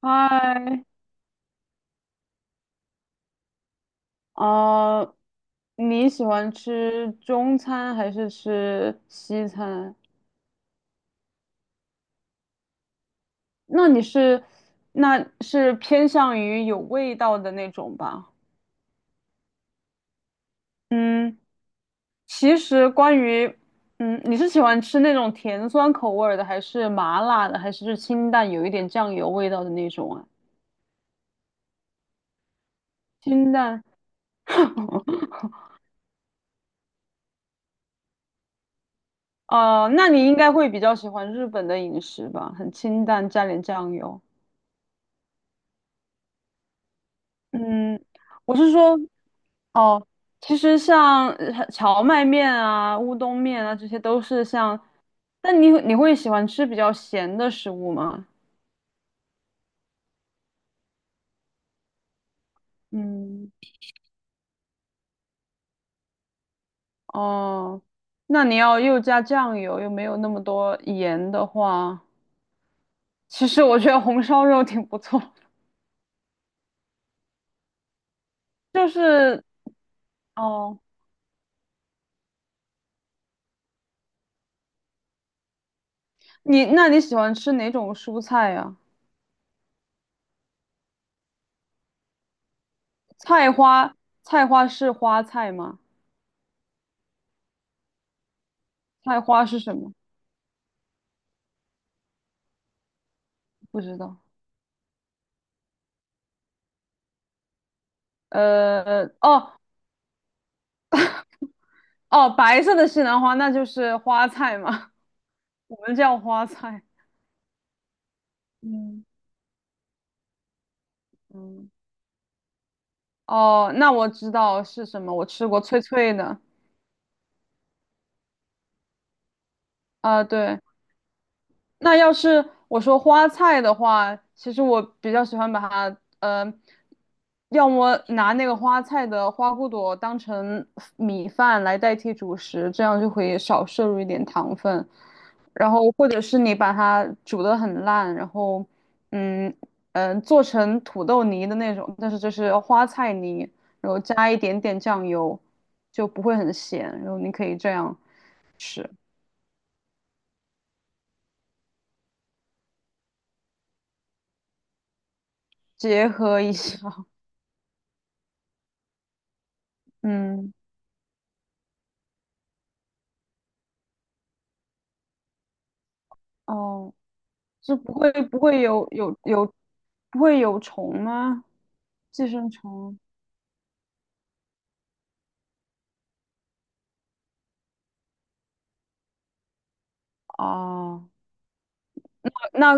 嗨，呃，你喜欢吃中餐还是吃西餐？那你是，那是偏向于有味道的那种吧？嗯，其实关于，你是喜欢吃那种甜酸口味儿的，还是麻辣的，还是清淡有一点酱油味道的那种啊？清淡，哦，那你应该会比较喜欢日本的饮食吧？很清淡，加点酱油。嗯，我是说，哦，其实像荞麦面啊、乌冬面啊，这些都是像，但你会喜欢吃比较咸的食物吗？嗯，哦，那你要又加酱油，又没有那么多盐的话，其实我觉得红烧肉挺不错。就是哦，你那你喜欢吃哪种蔬菜呀、菜花，菜花是花菜吗？菜花是什么？不知道。哦，哦，白色的西兰花那就是花菜嘛，我们叫花菜。嗯，嗯，哦，那我知道是什么，我吃过脆脆的。啊、对，那要是我说花菜的话，其实我比较喜欢把它，要么拿那个花菜的花骨朵当成米饭来代替主食，这样就可以少摄入一点糖分。然后或者是你把它煮得很烂，然后，嗯做成土豆泥的那种，但是这是花菜泥，然后加一点点酱油，就不会很咸。然后你可以这样吃，结合一下，嗯。哦，是不会不会有有有不会有虫吗？寄生虫啊，那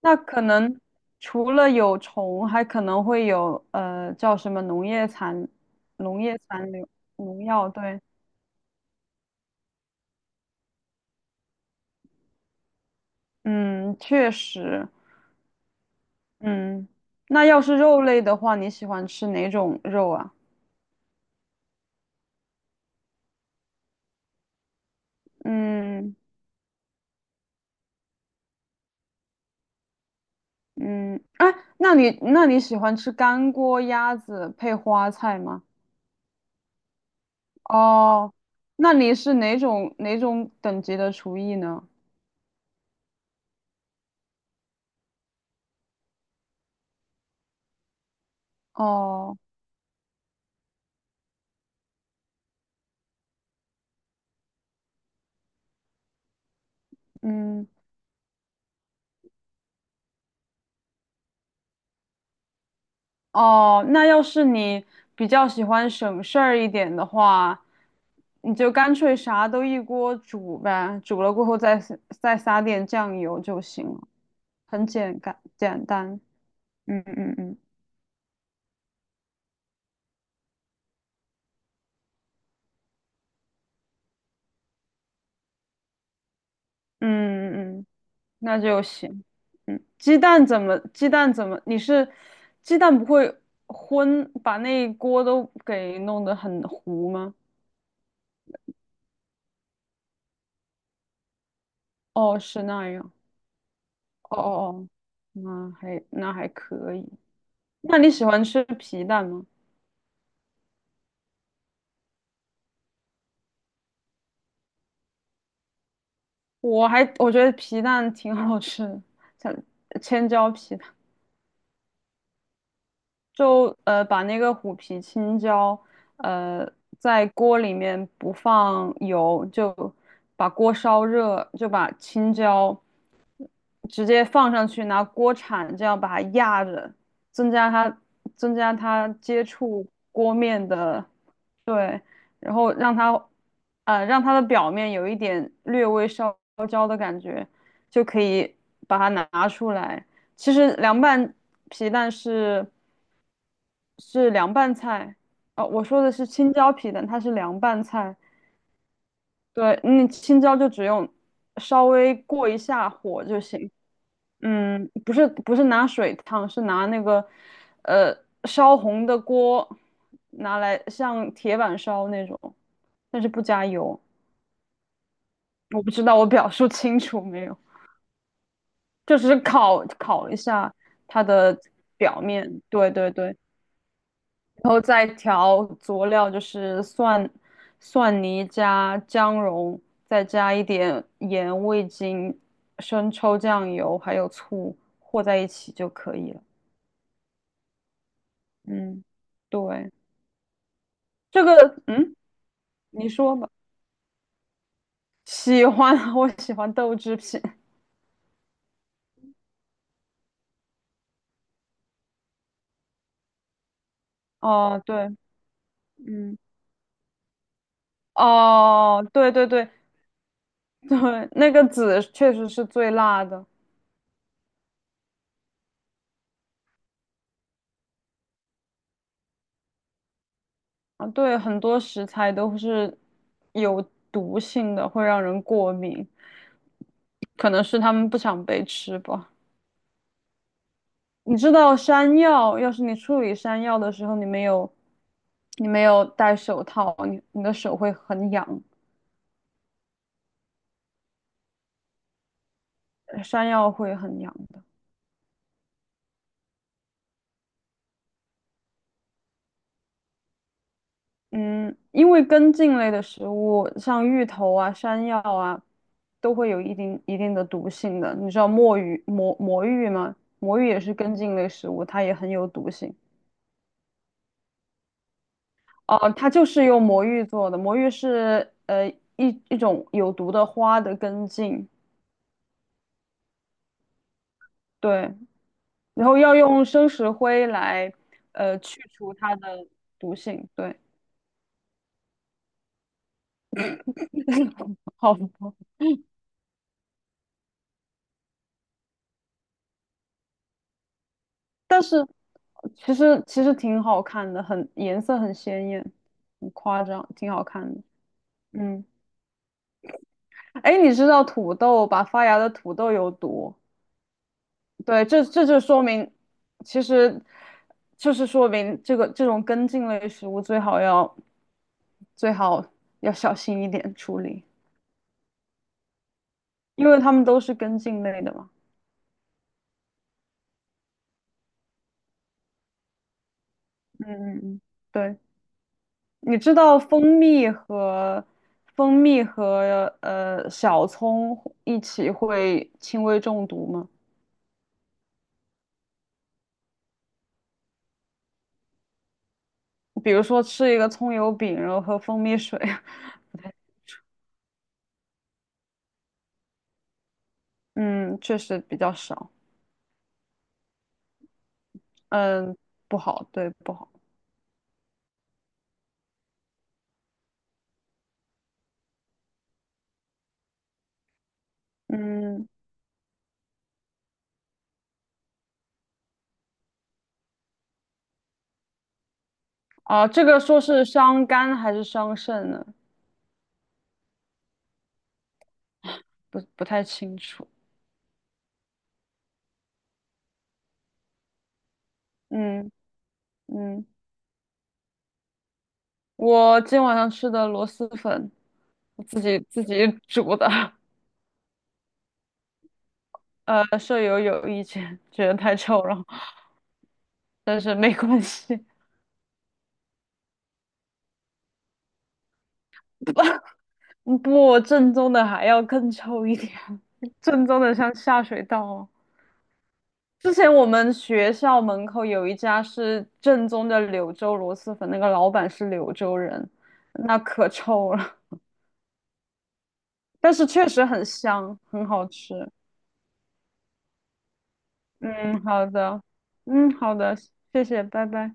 那可能除了有虫，还可能会有叫什么农业残农业残留农药，对，嗯，确实，嗯，那要是肉类的话，你喜欢吃哪种肉啊？嗯嗯，哎，那你喜欢吃干锅鸭子配花菜吗？哦，那你是哪种等级的厨艺呢？哦，嗯，哦，那要是你比较喜欢省事儿一点的话，你就干脆啥都一锅煮呗，煮了过后再撒点酱油就行了，很简单。嗯嗯嗯嗯嗯嗯。嗯那就行。嗯，鸡蛋怎么？鸡蛋怎么？你是鸡蛋不会昏，把那一锅都给弄得很糊吗？哦，是那样。哦哦哦，那还可以。那你喜欢吃皮蛋吗？我觉得皮蛋挺好吃的，像千椒皮蛋。就把那个虎皮青椒，呃在锅里面不放油，就把锅烧热，就把青椒直接放上去，拿锅铲这样把它压着，增加它增加它接触锅面的，对，然后让它让它的表面有一点略微烧焦的感觉，就可以把它拿出来。其实凉拌皮蛋是。是凉拌菜，哦，我说的是青椒皮蛋，它是凉拌菜。对，那青椒就只用稍微过一下火就行。嗯，不是拿水烫，是拿那个呃烧红的锅拿来像铁板烧那种，但是不加油。我不知道我表述清楚没有，就只是烤一下它的表面。对对对。然后再调佐料，就是蒜、蒜泥加姜蓉，再加一点盐、味精、生抽、酱油，还有醋和在一起就可以了。嗯，对，这个，嗯，你说吧。喜欢，我喜欢豆制品。哦，对，嗯，哦，对对对对，那个籽确实是最辣的啊。对，很多食材都是有毒性的，会让人过敏。可能是他们不想被吃吧。你知道山药，要是你处理山药的时候，你没有戴手套，你的手会很痒，山药会很痒的。嗯，因为根茎类的食物，像芋头啊、山药啊，都会有一定的毒性的。你知道墨鱼、魔芋吗？魔芋也是根茎类食物，它也很有毒性。哦，它就是用魔芋做的。魔芋是一种有毒的花的根茎，对，然后要用生石灰来去除它的毒性，对，好多但是其实挺好看的，颜色很鲜艳，很夸张，挺好看的。嗯，哎，你知道土豆把发芽的土豆有毒？对，这就说明，其实就是说明这个这种根茎类食物最好要最好要小心一点处理，因为它们都是根茎类的嘛。嗯嗯嗯，对。你知道蜂蜜和小葱一起会轻微中毒吗？比如说吃一个葱油饼，然后喝蜂蜜水，嗯，确实比较少，嗯，不好，对，不好，嗯，啊，这个说是伤肝还是伤肾呢？不太清楚，嗯嗯，我今晚上吃的螺蛳粉，我自己煮的，舍友有意见，觉得太臭了。但是没关系，嗯不，正宗的还要更臭一点，正宗的像下水道哦。之前我们学校门口有一家是正宗的柳州螺蛳粉，那个老板是柳州人，那可臭了，但是确实很香，很好吃。嗯，好的，嗯，好的，谢谢，拜拜。